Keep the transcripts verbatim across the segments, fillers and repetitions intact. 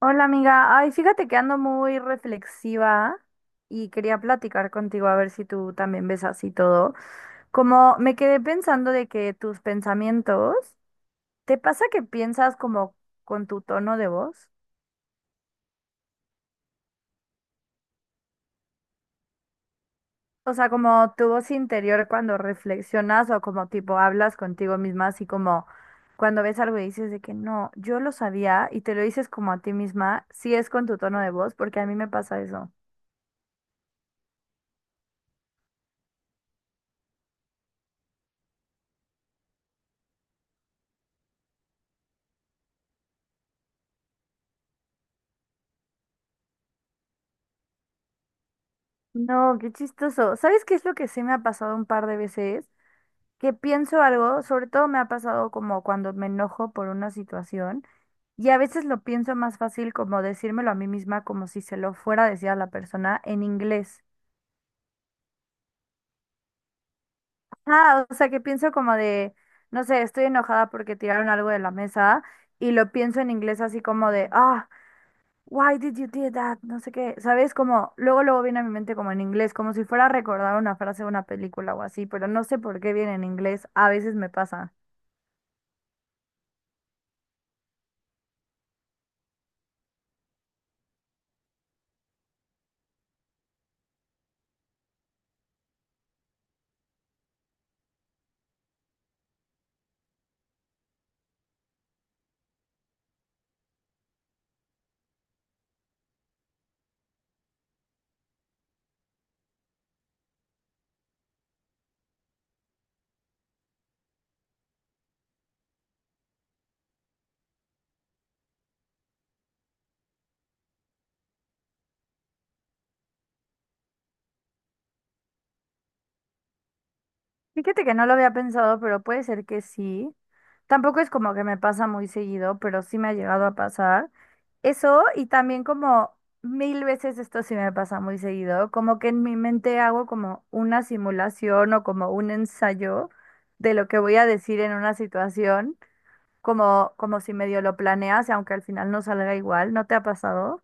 Hola amiga, ay, fíjate que ando muy reflexiva y quería platicar contigo a ver si tú también ves así todo. Como me quedé pensando de que tus pensamientos, ¿te pasa que piensas como con tu tono de voz? O sea, como tu voz interior cuando reflexionas o como tipo hablas contigo misma, así como cuando ves algo y dices de que no, yo lo sabía y te lo dices como a ti misma, si es con tu tono de voz, porque a mí me pasa eso. No, qué chistoso. ¿Sabes qué es lo que sí me ha pasado un par de veces? Que pienso algo, sobre todo me ha pasado como cuando me enojo por una situación y a veces lo pienso más fácil como decírmelo a mí misma como si se lo fuera a decir a la persona en inglés. Ah, o sea que pienso como de, no sé, estoy enojada porque tiraron algo de la mesa y lo pienso en inglés así como de, ah. Why did you do that? No sé qué, ¿sabes? Como, luego, luego viene a mi mente como en inglés, como si fuera a recordar una frase de una película o así, pero no sé por qué viene en inglés, a veces me pasa. Fíjate que no lo había pensado, pero puede ser que sí. Tampoco es como que me pasa muy seguido, pero sí me ha llegado a pasar. Eso, y también como mil veces esto sí me pasa muy seguido, como que en mi mente hago como una simulación o como un ensayo de lo que voy a decir en una situación. Como, como si medio lo planeas y aunque al final no salga igual, ¿no te ha pasado?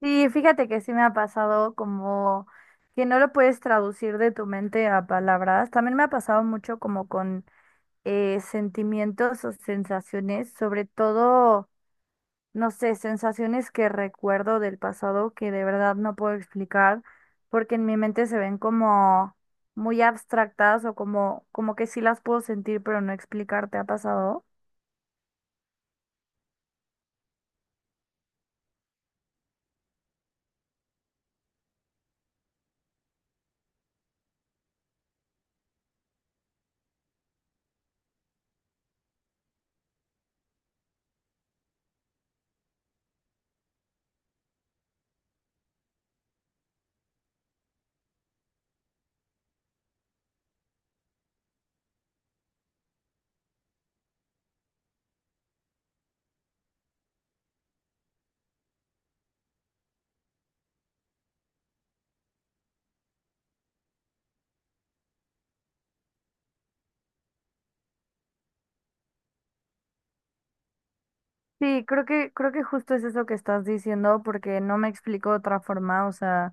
Sí, fíjate que sí me ha pasado como que no lo puedes traducir de tu mente a palabras. También me ha pasado mucho como con eh, sentimientos o sensaciones, sobre todo, no sé, sensaciones que recuerdo del pasado que de verdad no puedo explicar porque en mi mente se ven como muy abstractas o como, como que sí las puedo sentir pero no explicar. ¿Te ha pasado? Sí, creo que, creo que justo es eso que estás diciendo, porque no me explico de otra forma. O sea,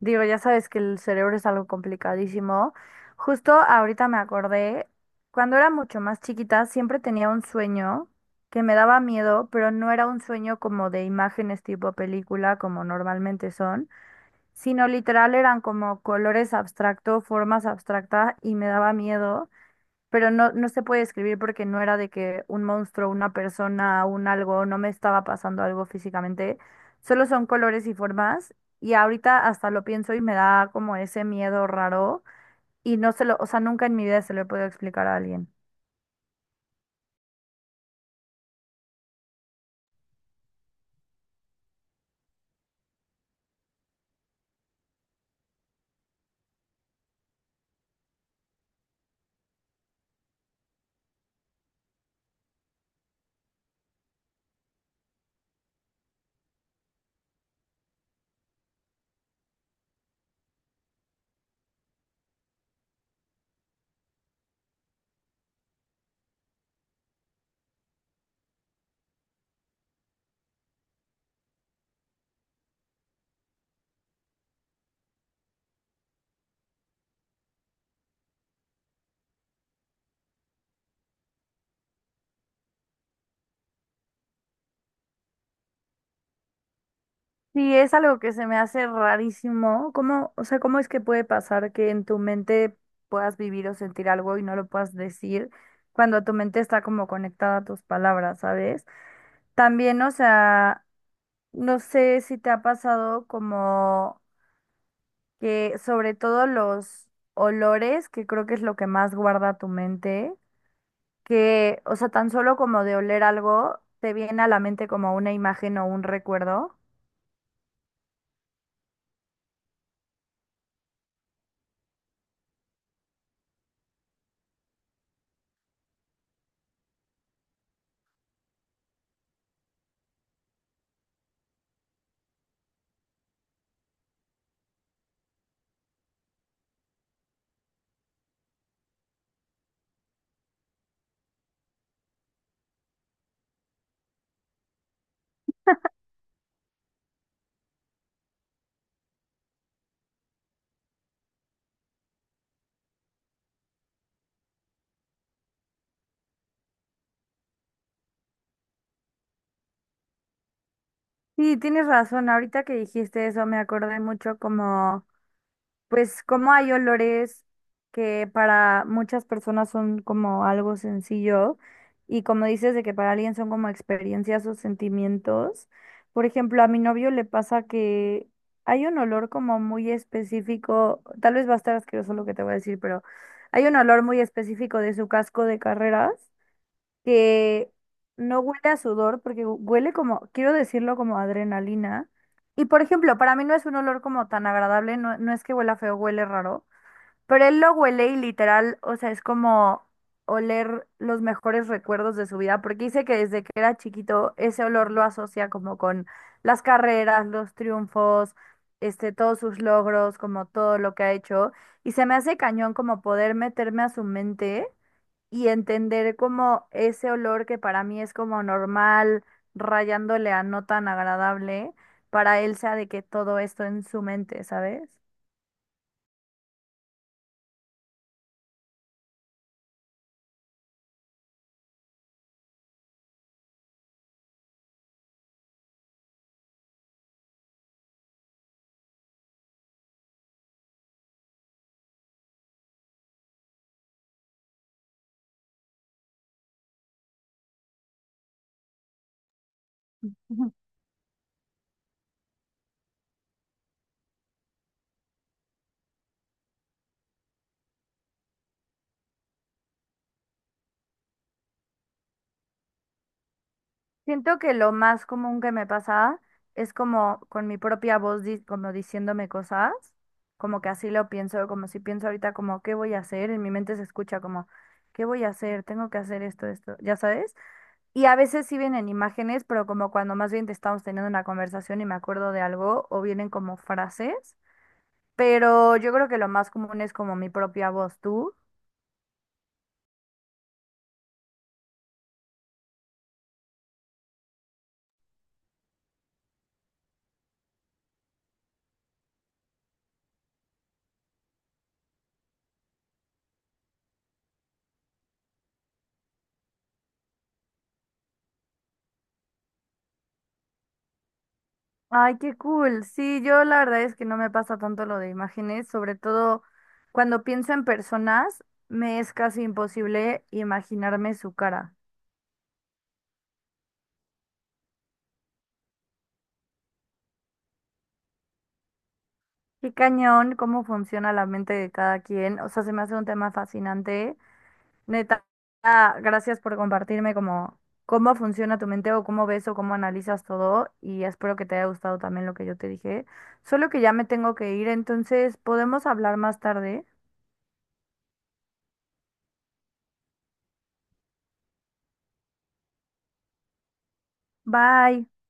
digo, ya sabes que el cerebro es algo complicadísimo. Justo ahorita me acordé, cuando era mucho más chiquita, siempre tenía un sueño que me daba miedo, pero no era un sueño como de imágenes tipo película, como normalmente son, sino literal eran como colores abstractos, formas abstractas, y me daba miedo pero no, no se puede describir porque no era de que un monstruo, una persona, un algo, no me estaba pasando algo físicamente, solo son colores y formas y ahorita hasta lo pienso y me da como ese miedo raro y no se lo, o sea, nunca en mi vida se lo he podido explicar a alguien. Sí, es algo que se me hace rarísimo. ¿Cómo, o sea, cómo es que puede pasar que en tu mente puedas vivir o sentir algo y no lo puedas decir cuando tu mente está como conectada a tus palabras, sabes? También, o sea, no sé si te ha pasado como que sobre todo los olores, que creo que es lo que más guarda tu mente, que, o sea, tan solo como de oler algo, te viene a la mente como una imagen o un recuerdo. Sí, tienes razón, ahorita que dijiste eso me acordé mucho como pues como hay olores que para muchas personas son como algo sencillo y como dices de que para alguien son como experiencias o sentimientos. Por ejemplo, a mi novio le pasa que hay un olor como muy específico, tal vez va a estar asqueroso lo que te voy a decir, pero hay un olor muy específico de su casco de carreras que no huele a sudor, porque hu- huele como, quiero decirlo como adrenalina. Y por ejemplo, para mí no es un olor como tan agradable, no, no es que huela feo, huele raro, pero él lo huele y literal, o sea, es como oler los mejores recuerdos de su vida, porque dice que desde que era chiquito ese olor lo asocia como con las carreras, los triunfos, este, todos sus logros, como todo lo que ha hecho, y se me hace cañón como poder meterme a su mente y entender como ese olor que para mí es como normal, rayándole a no tan agradable, para él sea de que todo esto en su mente, ¿sabes? Ujú. Siento que lo más común que me pasa es como con mi propia voz, di- como diciéndome cosas, como que así lo pienso, como si pienso ahorita como, ¿qué voy a hacer? En mi mente se escucha como, ¿qué voy a hacer? Tengo que hacer esto, esto, ¿ya sabes? Y a veces sí vienen imágenes, pero como cuando más bien te estamos teniendo una conversación y me acuerdo de algo, o vienen como frases, pero yo creo que lo más común es como mi propia voz, ¿tú? Ay, qué cool. Sí, yo la verdad es que no me pasa tanto lo de imágenes, sobre todo cuando pienso en personas, me es casi imposible imaginarme su cara. Qué cañón, cómo funciona la mente de cada quien. O sea, se me hace un tema fascinante. Neta, ah, gracias por compartirme cómo, cómo funciona tu mente o cómo ves o cómo analizas todo y espero que te haya gustado también lo que yo te dije. Solo que ya me tengo que ir, entonces podemos hablar más tarde. Bye.